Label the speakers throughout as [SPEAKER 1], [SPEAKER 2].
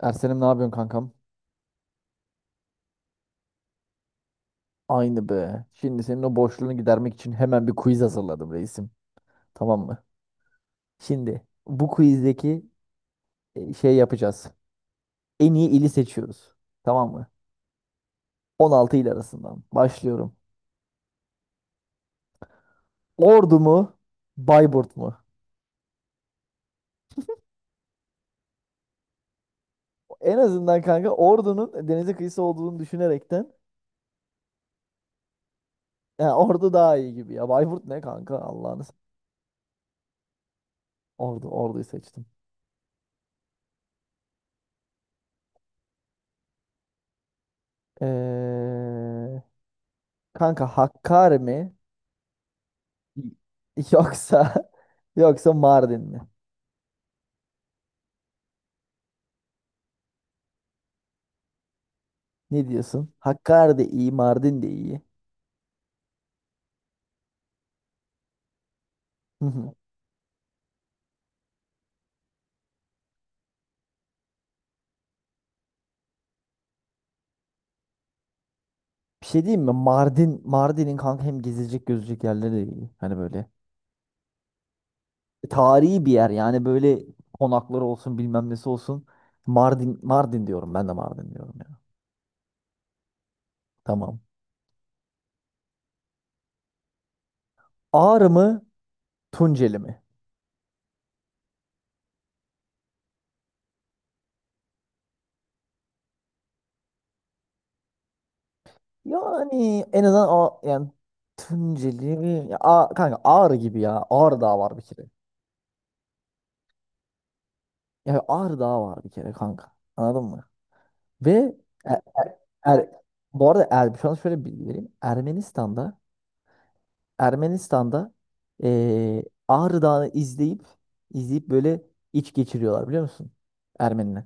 [SPEAKER 1] Ersen'im ne yapıyorsun kankam? Aynı be. Şimdi senin o boşluğunu gidermek için hemen bir quiz hazırladım reisim. Tamam mı? Şimdi bu quizdeki şey yapacağız. En iyi ili seçiyoruz. Tamam mı? 16 il arasından. Başlıyorum. Ordu mu? Bayburt mu? En azından kanka Ordu'nun denize kıyısı olduğunu düşünerekten ya Ordu daha iyi gibi ya. Bayburt ne kanka? Ordu'yu seçtim. Ee, kanka Hakkari mi? Yoksa yoksa Mardin mi? Ne diyorsun? Hakkari de iyi, Mardin de iyi. Hı hı. Bir şey diyeyim mi? Mardin'in kanka hem gezilecek gözülecek yerleri de iyi. Hani böyle. Tarihi bir yer yani böyle konakları olsun bilmem nesi olsun. Mardin diyorum ben de Mardin diyorum ya. Tamam. Ağrı mı? Tunceli mi? Yani en azından yani Tunceli mi? Ya, kanka Ağrı gibi ya. Ağrı Dağı var bir kere. Ya Ağrı Dağı var bir kere kanka. Anladın mı? Ve er, er- er- bu arada şu an şöyle bir bilgi vereyim. Ermenistan'da Ağrı Dağı'nı izleyip izleyip böyle iç geçiriyorlar biliyor musun? Ermeniler.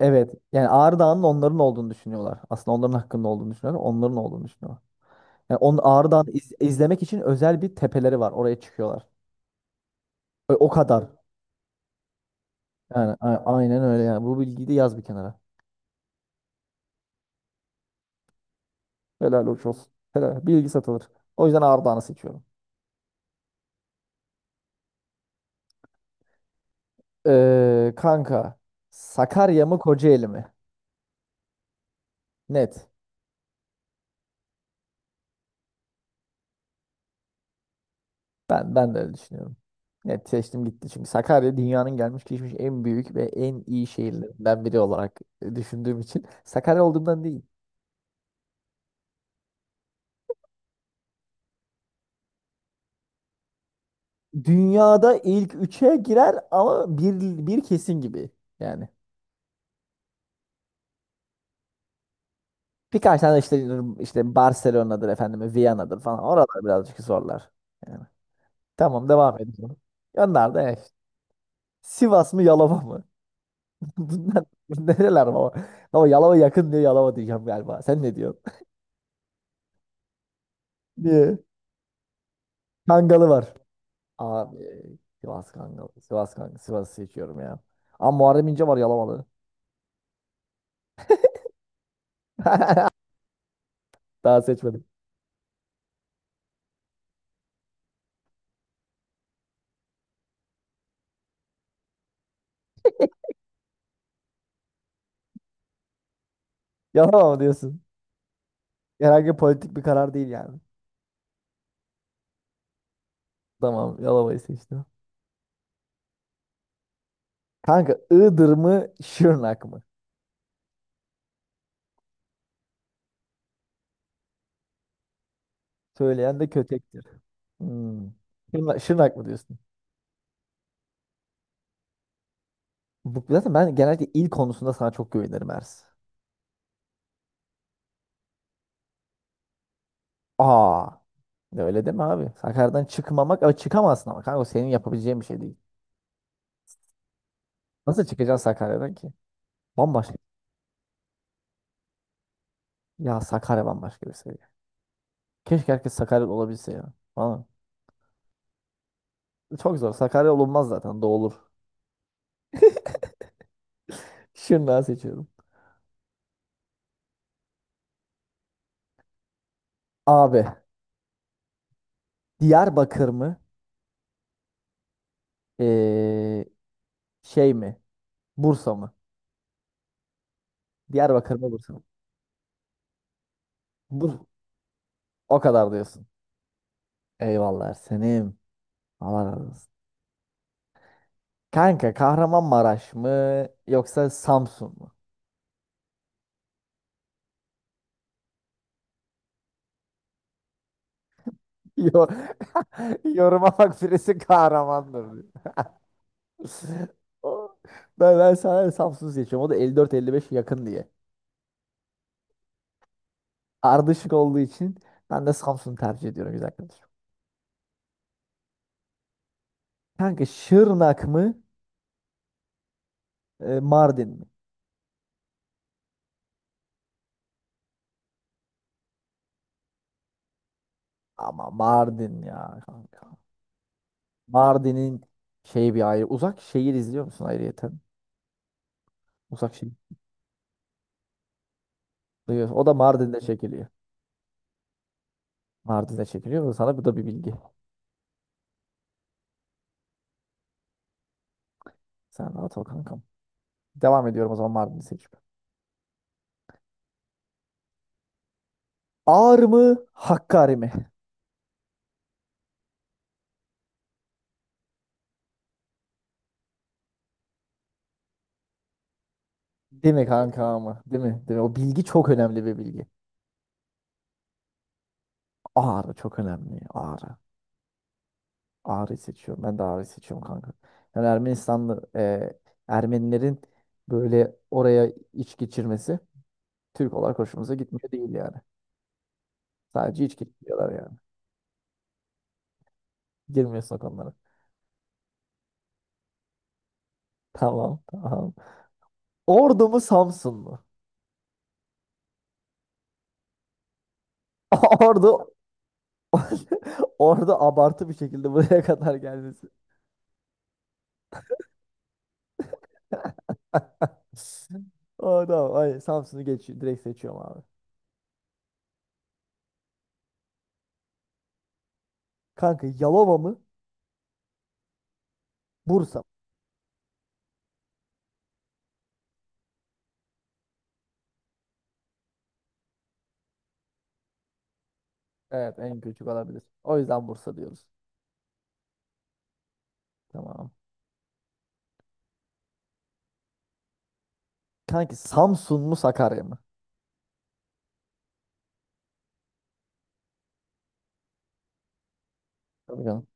[SPEAKER 1] Evet. Yani Ağrı Dağı'nın onların olduğunu düşünüyorlar. Aslında onların hakkında olduğunu düşünüyorlar. Onların olduğunu düşünüyorlar. Yani onun Ağrı Dağı'nı izlemek için özel bir tepeleri var. Oraya çıkıyorlar. O kadar. Yani aynen öyle yani. Bu bilgiyi de yaz bir kenara. Helal hoş olsun. Helal. Bilgi satılır. O yüzden Ağrı Dağı'nı seçiyorum. Kanka Sakarya mı Kocaeli mi? Net. Ben de öyle düşünüyorum. Net seçtim gitti. Çünkü Sakarya dünyanın gelmiş geçmiş en büyük ve en iyi şehirlerinden biri olarak düşündüğüm için Sakarya olduğumdan değil. Dünyada ilk üçe girer ama bir kesin gibi yani. Birkaç tane işte Barcelona'dır efendim, Viyana'dır falan. Oralar birazcık zorlar. Yani. Tamam devam edelim. Onlar da eş. Sivas mı Yalova mı? Bu nereler baba? Baba Yalova yakın diye Yalova diyeceğim galiba. Sen ne diyorsun? Niye? Kangalı var. Abi Sivas Kangalı. Sivas Kangalı. Sivas'ı seçiyorum ya. Ama Muharrem İnce var Yalovalı. Daha seçmedim. Yalova mı diyorsun? Herhangi bir politik bir karar değil yani. Tamam Yalova'yı seçtim. Kanka Iğdır mı Şırnak mı? Söyleyen de kötektir. Hmm. Şırnak mı diyorsun? Zaten ben genellikle il konusunda sana çok güvenirim Ers. Aa. Öyle deme abi. Sakarya'dan çıkmamak, ama çıkamazsın ama kanka o senin yapabileceğin bir şey değil. Nasıl çıkacaksın Sakarya'dan ki? Bambaşka. Ya Sakarya bambaşka bir seviye. Keşke herkes Sakaryalı olabilse ya. Valla. Çok zor. Sakarya olunmaz zaten. Doğulur. Şırnağı seçiyorum. Abi. Diyarbakır mı? Ee, şey mi? Bursa mı? Diyarbakır mı Bursa mı? Bur o kadar diyorsun. Eyvallah senim. Allah razı olsun. Kanka Kahramanmaraş mı yoksa Samsun mu? Yok. Yoruma bak birisi kahramandır diyor. O- ben sana Samsun seçiyorum. O da 54 55 yakın diye. Ardışık olduğu için ben de Samsun'u tercih ediyorum güzel kardeşim. Kanka Şırnak mı Mardin mi? Ama Mardin ya kanka. Mardin'in şey bir ayrı. Uzak şehir izliyor musun ayrıyeten? Uzak şehir. Duyuyorsun. O da Mardin'de çekiliyor. Mardin'de çekiliyor. Sana bu da bir bilgi. Sen rahat ol kankam. Devam ediyorum o zaman Mardin'i seçip. Ağrı mı Hakkari mi? Değil mi kanka ama? Değil mi? Değil mi? O bilgi çok önemli bir bilgi. Ağrı çok önemli. Ağrı. Ağrı seçiyorum. Ben de ağrı seçiyorum kanka. Yani Ermenilerin böyle oraya iç geçirmesi Türk olarak hoşumuza gitmiyor değil yani. Sadece iç geçiriyorlar yani. Girmiyorsun o konulara. Tamam, tamam. Ordu mu Samsun mu? Ordu Ordu abartı bir şekilde buraya kadar gelmesi. Oh, tamam. Hayır, Samsun'u geç, direkt seçiyorum abi. Kanka Yalova mı? Bursa. Evet en küçük olabilir. O yüzden Bursa diyoruz. Tamam. Kanki Samsun mu Sakarya mı? Tabii canım.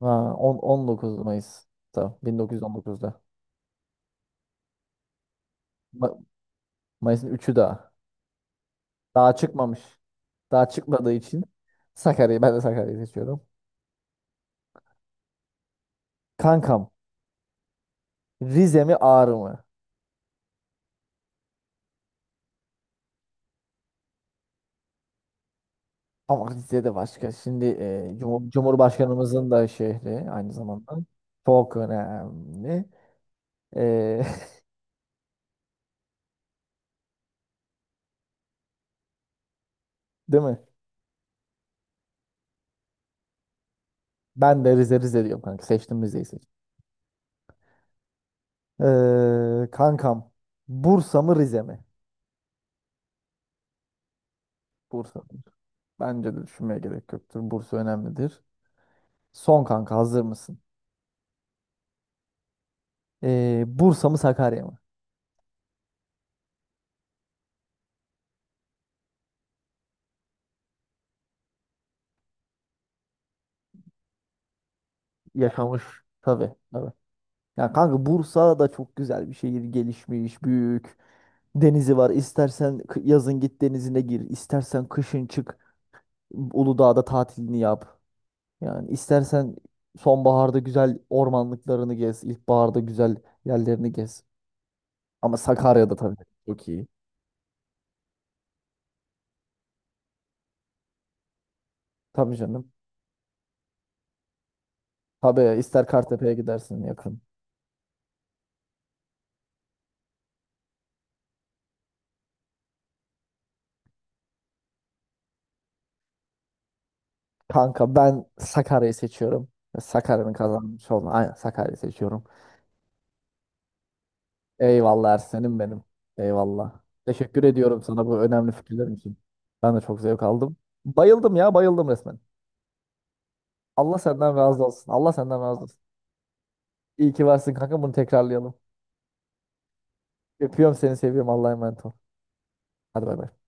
[SPEAKER 1] Ha, 19 Mayıs. Tamam. 1919'da. Ma- Mayıs'ın üçü daha. Daha çıkmamış. Daha çıkmadığı için Sakarya'yı ben de Sakarya'yı seçiyorum. Kankam Rize mi Ağrı mı? Ama Rize de başka. Şimdi Cumhurbaşkanımızın da şehri aynı zamanda. Çok önemli. E, Değil mi? Ben de Rize Rize diyorum kanka. Seçtim Rize'yi. Kankam. Bursa mı Rize mi? Bursa. Bence de düşünmeye gerek yoktur. Bursa önemlidir. Son kanka hazır mısın? Bursa mı Sakarya mı? Yaşamış. Tabii tabii. Ya kanka Bursa da çok güzel bir şehir. Gelişmiş, büyük. Denizi var. İstersen yazın git denizine gir. İstersen kışın çık. Uludağ'da tatilini yap. Yani istersen sonbaharda güzel ormanlıklarını gez. İlkbaharda güzel yerlerini gez. Ama Sakarya'da tabii çok iyi. Tabii canım. Tabii ister Kartepe'ye gidersin yakın. Kanka ben Sakarya'yı seçiyorum. Sakarya'nın kazanmış olma. Aynen Sakarya'yı seçiyorum. Eyvallah Ersen'im benim. Eyvallah. Teşekkür ediyorum sana bu önemli fikirlerin için. Ben de çok zevk aldım. Bayıldım ya bayıldım resmen. Allah senden razı olsun. Allah senden razı olsun. İyi ki varsın kanka bunu tekrarlayalım. Öpüyorum seni seviyorum Allah'a emanet ol. Hadi bay bay.